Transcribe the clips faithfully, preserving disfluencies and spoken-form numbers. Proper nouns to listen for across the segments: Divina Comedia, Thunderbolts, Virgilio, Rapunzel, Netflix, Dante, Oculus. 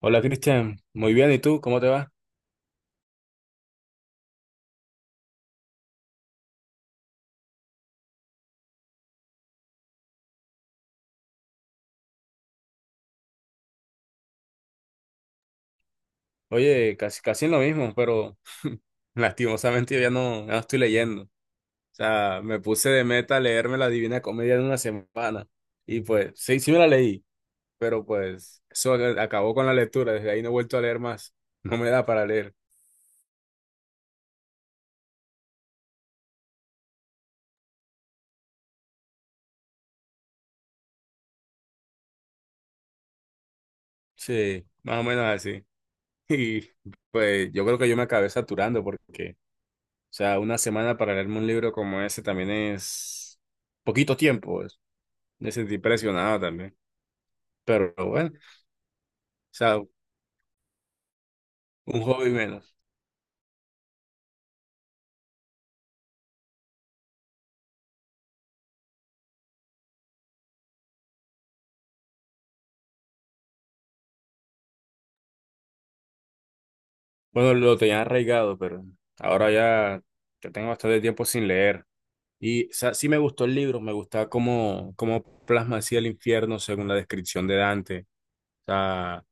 Hola Cristian, muy bien, ¿y tú? ¿Cómo te va? Oye, casi, casi en lo mismo, pero lastimosamente yo ya no, ya no estoy leyendo. O sea, me puse de meta leerme la Divina Comedia en una semana y pues sí, sí me la leí, pero pues eso a- acabó con la lectura, desde ahí no he vuelto a leer más, no me da para leer. Sí, más o menos así. Y pues yo creo que yo me acabé saturando porque, o sea, una semana para leerme un libro como ese también es poquito tiempo, pues. Me sentí presionado también. Pero bueno. O sea, un hobby menos. Bueno, lo tenía arraigado, pero ahora ya te tengo bastante tiempo sin leer. Y, o sea, sí me gustó el libro, me gustaba cómo, cómo plasma así el infierno según la descripción de Dante. O sea,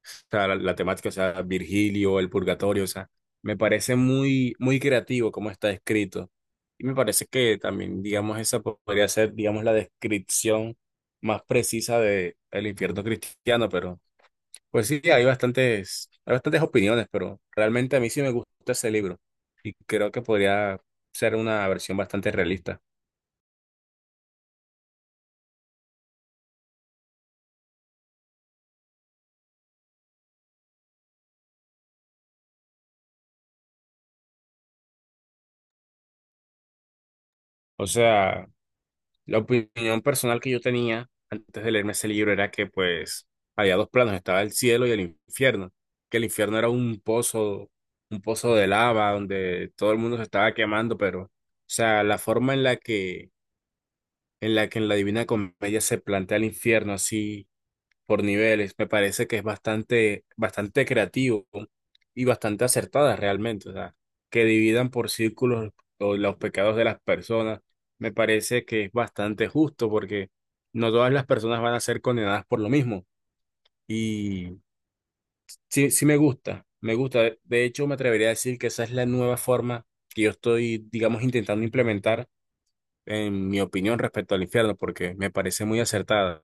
o sea, la, la temática, o sea, Virgilio, el purgatorio, o sea, me parece muy, muy creativo cómo está escrito. Y me parece que también, digamos, esa podría ser, digamos, la descripción más precisa de el infierno cristiano, pero pues sí, hay bastantes, hay bastantes opiniones, pero realmente a mí sí me gusta ese libro y creo que podría ser una versión bastante realista. O sea, la opinión personal que yo tenía antes de leerme ese libro era que pues había dos planos, estaba el cielo y el infierno, que el infierno era un pozo, un pozo de lava donde todo el mundo se estaba quemando, pero, o sea, la forma en la que, en la que en la Divina Comedia se plantea el infierno así por niveles. Me parece que es bastante, bastante creativo y bastante acertada realmente. O sea, que dividan por círculos o los pecados de las personas, me parece que es bastante justo porque no todas las personas van a ser condenadas por lo mismo. Y sí, sí me gusta, me gusta. De de hecho, me atrevería a decir que esa es la nueva forma que yo estoy, digamos, intentando implementar en mi opinión respecto al infierno, porque me parece muy acertada.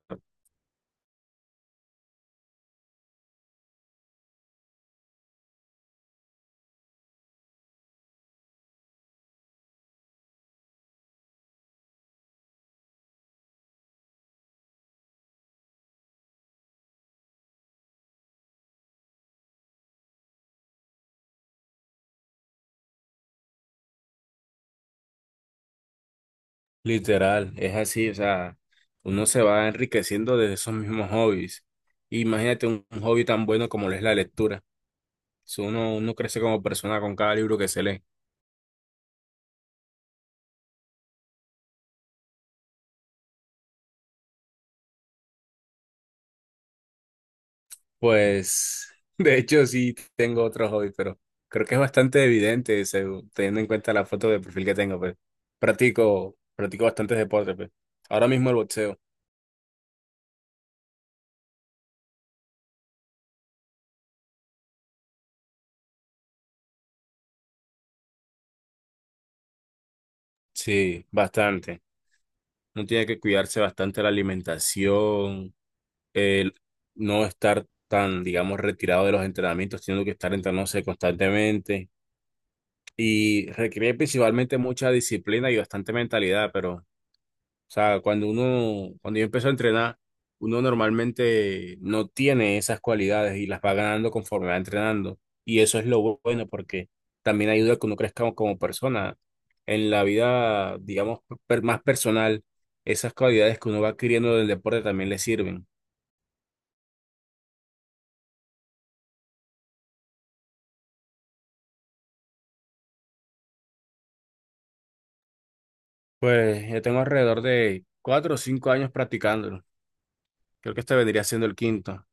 Literal, es así, o sea, uno se va enriqueciendo de esos mismos hobbies. Imagínate un, un hobby tan bueno como lo es la lectura. Si uno, uno crece como persona con cada libro que se lee. Pues, de hecho, sí tengo otro hobby, pero creo que es bastante evidente, según- teniendo en cuenta la foto de perfil que tengo, pues. Practico, practico bastantes deportes, pues. Ahora mismo el boxeo. Sí, bastante. Uno tiene que cuidarse bastante la alimentación, el no estar tan, digamos, retirado de los entrenamientos, teniendo que estar entrenándose constantemente y requiere principalmente mucha disciplina y bastante mentalidad, pero, o sea, cuando uno, cuando yo empecé a entrenar, uno normalmente no tiene esas cualidades y las va ganando conforme va entrenando y eso es lo bueno porque también ayuda a que uno crezca como persona. En la vida, digamos, per- más personal, esas cualidades que uno va adquiriendo del deporte también le sirven. Pues yo tengo alrededor de cuatro o cinco años practicándolo. Creo que este vendría siendo el quinto.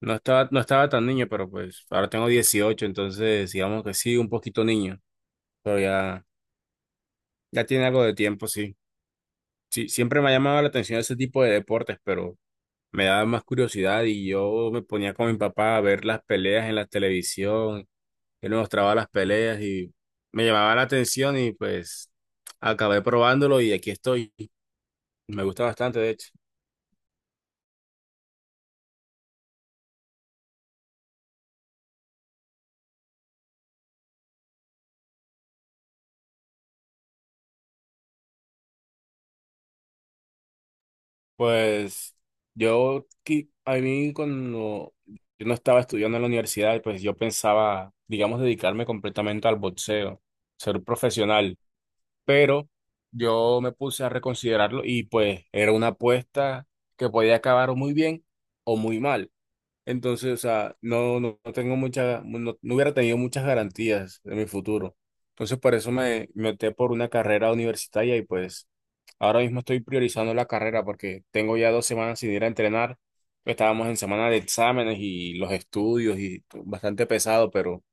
No estaba, no estaba tan niño, pero pues ahora tengo dieciocho, entonces digamos que sí, un poquito niño, pero ya, ya tiene algo de tiempo, sí. Sí, siempre me ha llamado la atención ese tipo de deportes, pero me daba más curiosidad y yo me ponía con mi papá a ver las peleas en la televisión, él me mostraba las peleas y me llamaba la atención y pues acabé probándolo y aquí estoy. Me gusta bastante, de hecho. Pues yo, qui- a mí cuando yo no estaba estudiando en la universidad, pues yo pensaba, digamos, dedicarme completamente al boxeo, ser profesional, pero yo me puse a reconsiderarlo y pues era una apuesta que podía acabar muy bien o muy mal. Entonces, o sea, no, no, no tengo mucha, no, no hubiera tenido muchas garantías de mi futuro. Entonces, por eso me, me opté por una carrera universitaria y pues ahora mismo estoy priorizando la carrera porque tengo ya dos semanas sin ir a entrenar. Estábamos en semana de exámenes y los estudios y bastante pesado, pero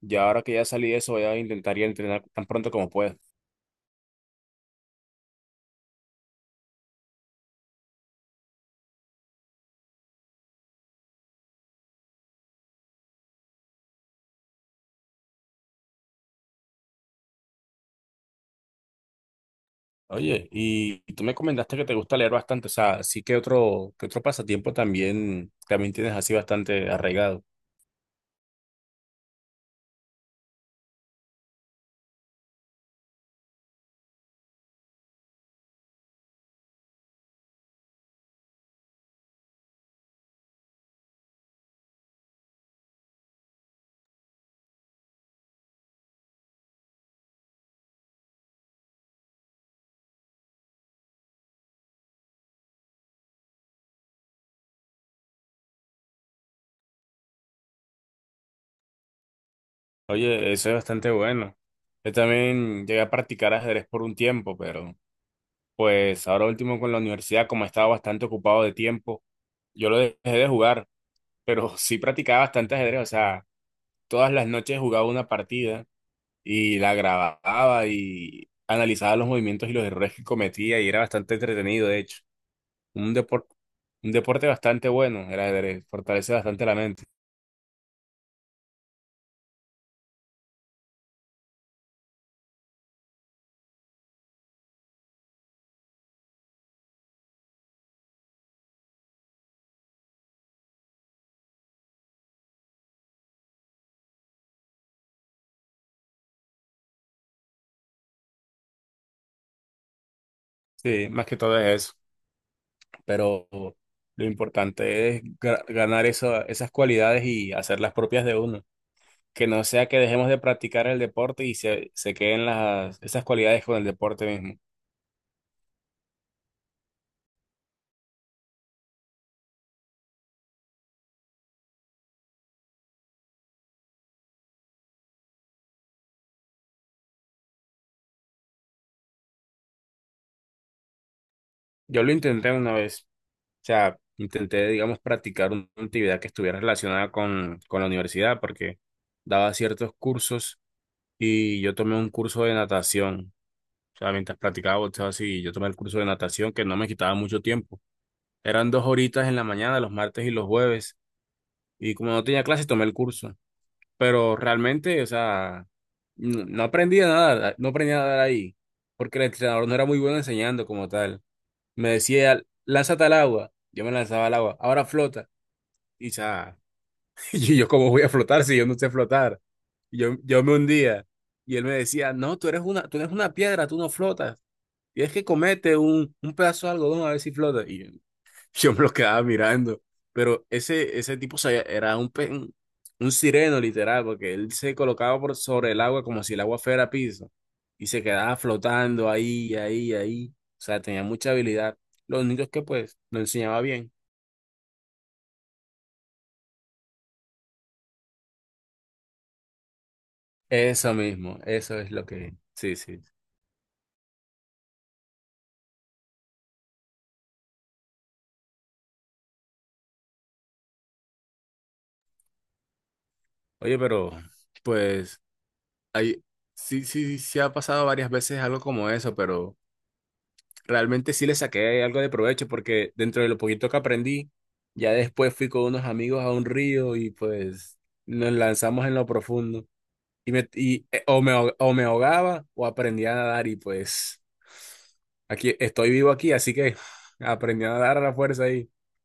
ya ahora que ya salí de eso voy a intentar ir a entrenar tan pronto como pueda. Oye, y y tú me comentaste que te gusta leer bastante, o sea, sí que otro, que otro pasatiempo también, también tienes así bastante arraigado. Oye, eso es bastante bueno. Yo también llegué a practicar ajedrez por un tiempo, pero pues ahora último con la universidad, como estaba bastante ocupado de tiempo, yo lo dejé de jugar, pero sí practicaba bastante ajedrez, o sea, todas las noches jugaba una partida y la grababa y analizaba los movimientos y los errores que cometía y era bastante entretenido, de hecho. Un deporte, un deporte bastante bueno, el ajedrez, fortalece bastante la mente. Sí, más que todo es eso. Pero lo importante es ga- ganar esa- esas cualidades y hacerlas propias de uno. Que no sea que dejemos de practicar el deporte y se, se queden las, esas cualidades con el deporte mismo. Yo lo intenté una vez, o sea, intenté, digamos, practicar una actividad que estuviera relacionada con, con la universidad, porque daba ciertos cursos y yo tomé un curso de natación. O sea, mientras practicaba boxeo así, yo tomé el curso de natación que no me quitaba mucho tiempo. Eran dos horitas en la mañana, los martes y los jueves. Y como no tenía clases, tomé el curso. Pero realmente, o sea, no, no aprendí nada, no aprendí nada ahí. Porque el entrenador no era muy bueno enseñando como tal. Me decía, lánzate al agua. Yo me lanzaba al agua. Ahora flota. Y ya, y yo, ¿cómo voy a flotar si yo no sé flotar? Y Yo, yo me hundía. Y él me decía, no, tú eres una, tú eres una piedra, tú no flotas. Tienes que comete un, un pedazo de algodón a ver si flota. Y yo, yo me lo quedaba mirando. Pero ese, ese tipo se- era un, pe- un, un sireno, literal, porque él se colocaba por sobre el agua como si el agua fuera piso. Y se quedaba flotando ahí, ahí, ahí. O sea, tenía mucha habilidad. Lo único es que, pues, lo enseñaba bien. Eso mismo, eso es lo que. Sí, sí. Oye, pero, pues, ahí sí, sí, sí ha pasado varias veces algo como eso, pero realmente sí le saqué algo de provecho porque dentro de lo poquito que aprendí, ya después fui con unos amigos a un río y pues nos lanzamos en lo profundo. Y me, y, eh, o me, ahoga- o me ahogaba o aprendí a nadar y pues aquí estoy vivo aquí, así que aprendí a nadar a la fuerza ahí.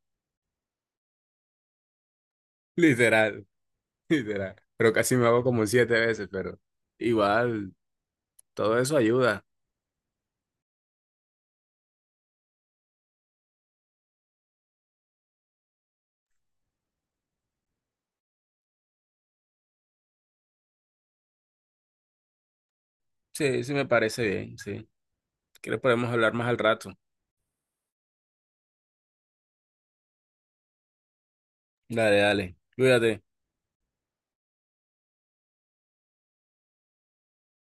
Literal, literal. Pero casi me hago como siete veces, pero igual, todo eso ayuda. Sí, sí me parece bien, sí. ¿Quieres podemos hablar más al rato? Dale, dale. Cuídate.